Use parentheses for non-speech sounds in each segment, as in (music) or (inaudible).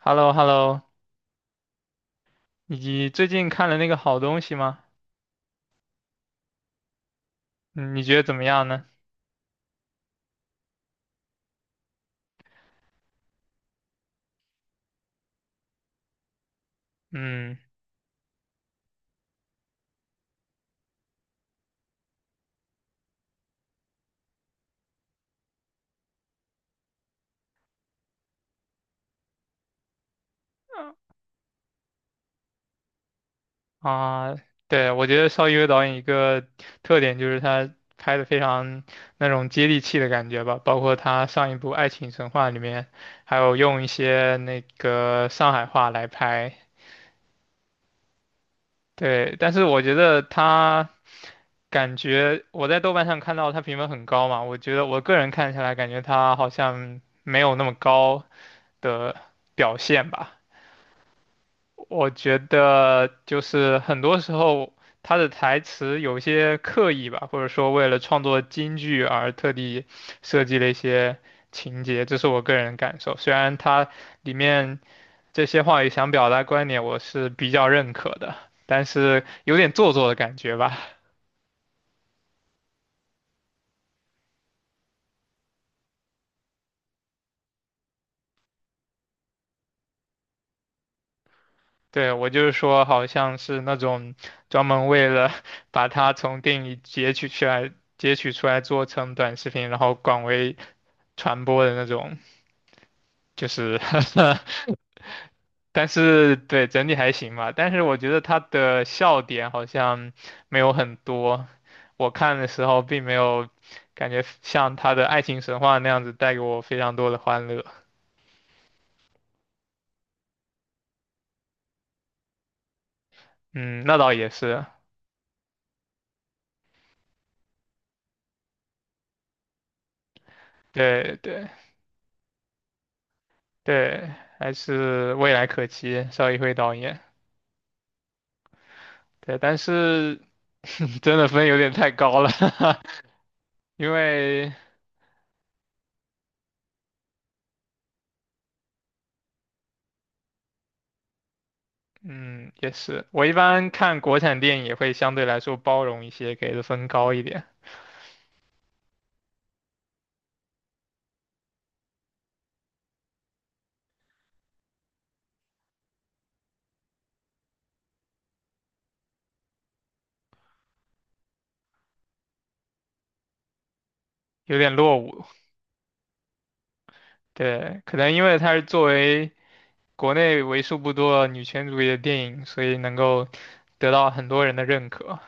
h e l l o h e l l o 你最近看了那个好东西吗？嗯你觉得怎么样呢？嗯啊，对，我觉得邵艺薇导演一个特点就是他拍的非常那种接地气的感觉吧，包括他上一部《爱情神话》里面，还有用一些那个上海话来拍。对，但是我觉得他感觉我在豆瓣上看到他评分很高嘛，我觉得我个人看起来感觉他好像没有那么高的表现吧。我觉得就是很多时候他的台词有些刻意吧，或者说为了创作京剧而特地设计了一些情节，这是我个人感受。虽然他里面这些话语想表达观点，我是比较认可的，但是有点做作的感觉吧。对，我就是说，好像是那种专门为了 (laughs) 把它从电影截取出来、做成短视频，然后广为传播的那种。就是 (laughs) 但是对整体还行吧，但是我觉得他的笑点好像没有很多，我看的时候并没有感觉像他的爱情神话那样子带给我非常多的欢乐。嗯，那倒也是，对对对，还是未来可期，邵艺辉导演。对，但是 (laughs) 真的分有点太高了，(laughs) 因为嗯，也是。我一般看国产电影也会相对来说包容一些，给的分高一点，有点落伍。对，可能因为它是作为国内为数不多的女权主义的电影，所以能够得到很多人的认可。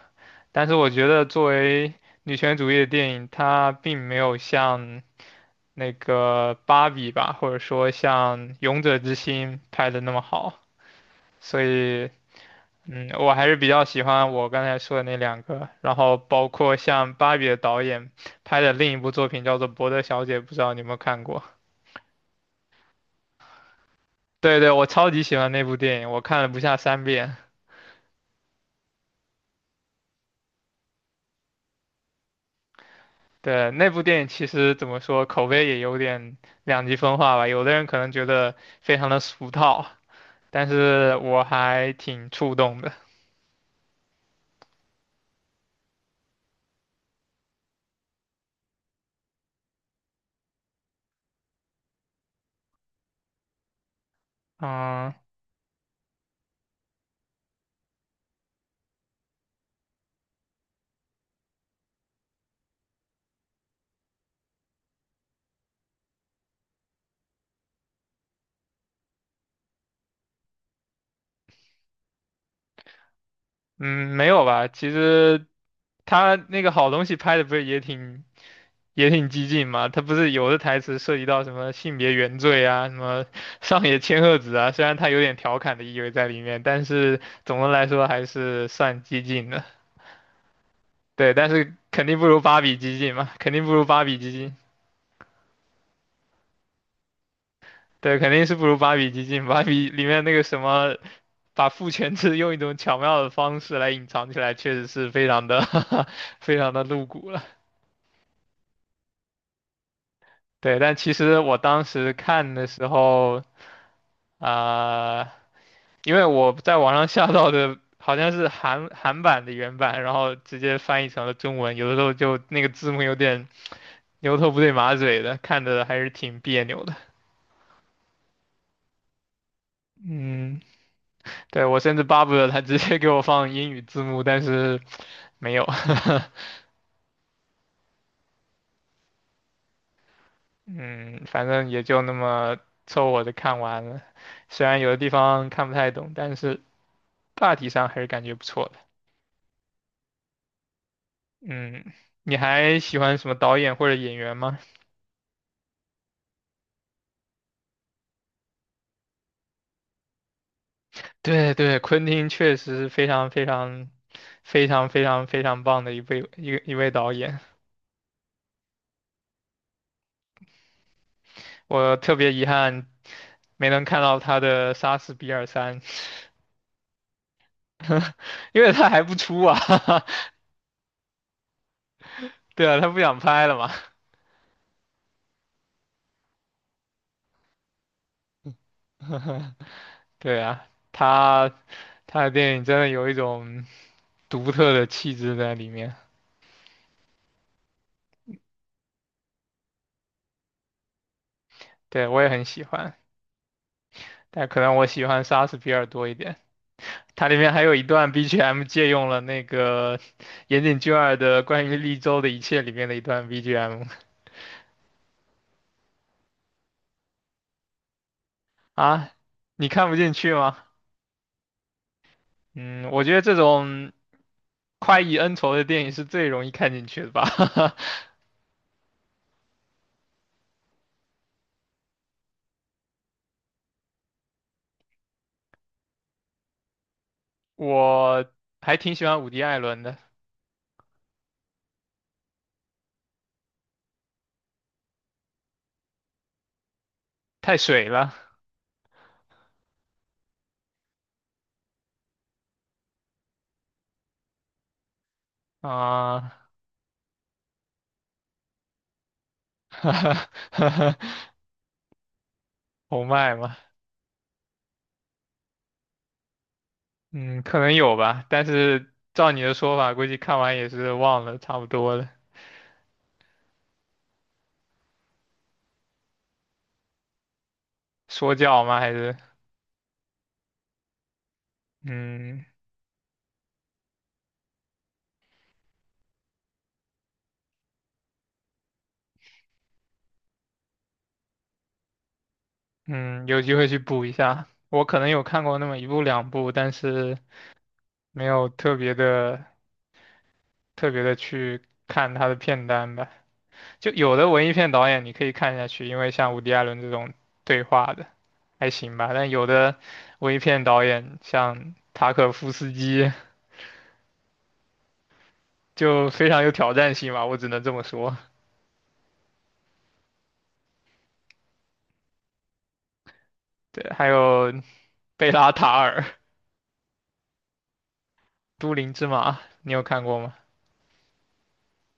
但是我觉得作为女权主义的电影，它并没有像那个《芭比》吧，或者说像《勇者之心》拍的那么好，所以嗯，我还是比较喜欢我刚才说的那两个，然后包括像芭比的导演拍的另一部作品叫做《伯德小姐》，不知道你有没有看过？对，我超级喜欢那部电影，我看了不下三遍。对，那部电影其实怎么说，口碑也有点两极分化吧，有的人可能觉得非常的俗套，但是我还挺触动的。嗯，嗯，没有吧？其实他那个好东西拍的不是也挺激进嘛？他不是有的台词涉及到什么性别原罪啊，什么 (laughs) 上野千鹤子啊，虽然他有点调侃的意味在里面，但是总的来说还是算激进的。对，但是肯定不如芭比激进嘛，肯定不如芭比激进。对，肯定是不如芭比激进。芭比里面那个什么，把父权制用一种巧妙的方式来隐藏起来，确实是非常的 (laughs) 非常的露骨了。对，但其实我当时看的时候，啊、因为我在网上下到的好像是韩版的原版，然后直接翻译成了中文，有的时候就那个字幕有点牛头不对马嘴的，看着还是挺别扭的。嗯，对，我甚至巴不得他直接给我放英语字幕，但是没有。(laughs) 嗯，反正也就那么凑合的看完了，虽然有的地方看不太懂，但是大体上还是感觉不错的。嗯，你还喜欢什么导演或者演员吗？(laughs) 对，昆汀确实是非常非常非常非常非常棒的一位导演，我特别遗憾没能看到他的《杀死比尔三》，因为他还不出啊。(laughs) 对啊，他不想拍了嘛。(laughs) 对啊，他的电影真的有一种独特的气质在里面，对，我也很喜欢，但可能我喜欢莎士比尔多一点。它里面还有一段 BGM 借用了那个 (laughs) 岩井俊二的关于绿洲的一切里面的一段 BGM 啊，你看不进去吗？嗯，我觉得这种快意恩仇的电影是最容易看进去的吧。(laughs) 我还挺喜欢伍迪·艾伦的，太水了啊，(laughs) 哈哈哈哈，红麦嘛，嗯，可能有吧，但是照你的说法，估计看完也是忘了差不多了。说教吗？还是嗯。嗯，有机会去补一下。我可能有看过那么一部两部，但是没有特别的去看他的片单吧。就有的文艺片导演你可以看下去，因为像伍迪·艾伦这种对话的还行吧。但有的文艺片导演像塔可夫斯基就非常有挑战性吧，我只能这么说。对，还有贝拉塔尔、都灵之马，你有看过吗？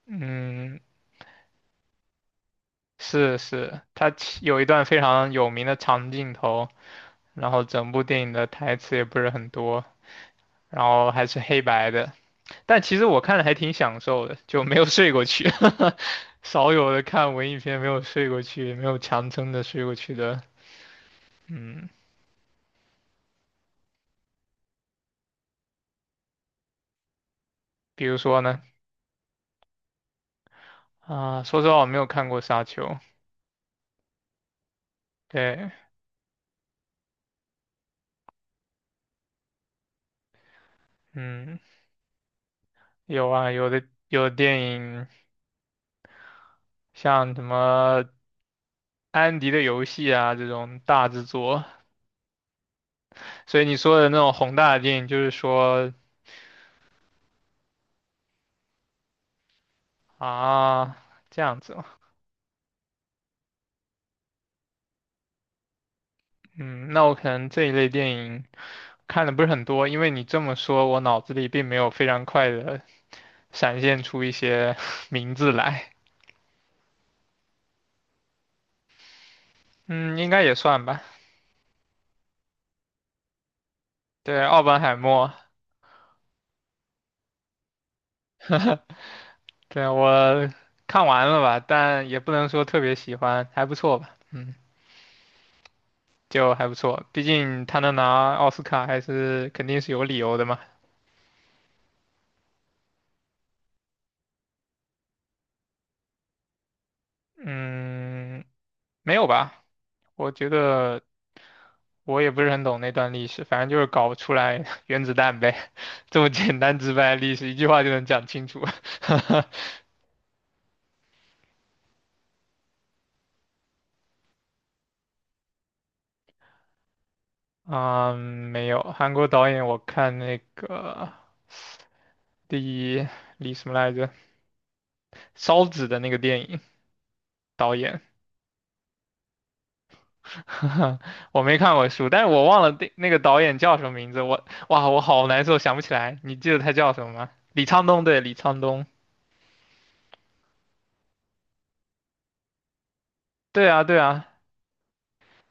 嗯，是，他其有一段非常有名的长镜头。然后整部电影的台词也不是很多，然后还是黑白的，但其实我看了还挺享受的，就没有睡过去 (laughs)，少有的看文艺片没有睡过去，没有强撑着睡过去的，嗯，比如说呢，说实话我没有看过《沙丘》，对，嗯，有啊，有的电影像什么。安迪的游戏啊，这种大制作，所以你说的那种宏大的电影，就是说啊，这样子，嗯，那我可能这一类电影看的不是很多，因为你这么说，我脑子里并没有非常快的闪现出一些 (laughs) 名字来。嗯，应该也算吧。对，奥本海默，对，我看完了吧，但也不能说特别喜欢，还不错吧。嗯，就还不错，毕竟他能拿奥斯卡还是肯定是有理由的嘛。嗯，没有吧？我觉得。我也不是很懂那段历史，反正就是搞出来 (laughs) 原子弹呗，(laughs) 这么简单直白的历史，一句话就能讲清楚。(laughs) 嗯，没有，韩国导演我看那个第一李什么来着，烧纸的那个电影导演，(laughs) 我没看过书，但是我忘了那个导演叫什么名字，我哇，我好难受，想不起来，你记得他叫什么吗？李沧东，对，李沧东，对啊，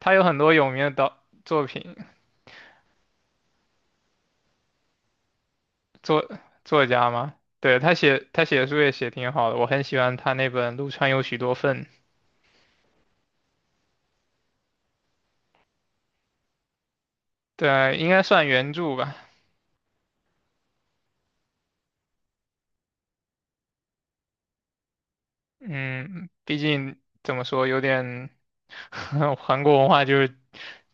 他有很多有名的导作品，作作家吗？对，他写的书也写挺好的，我很喜欢他那本《陆川有许多份》，对，应该算原著吧。嗯，毕竟怎么说，有点 (laughs) 韩国文化就是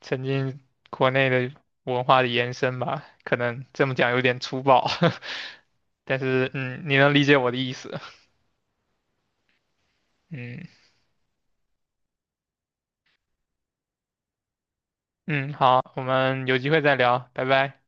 曾经国内的文化的延伸吧，可能这么讲有点粗暴，(laughs) 但是嗯，你能理解我的意思。嗯嗯，好，我们有机会再聊，拜拜。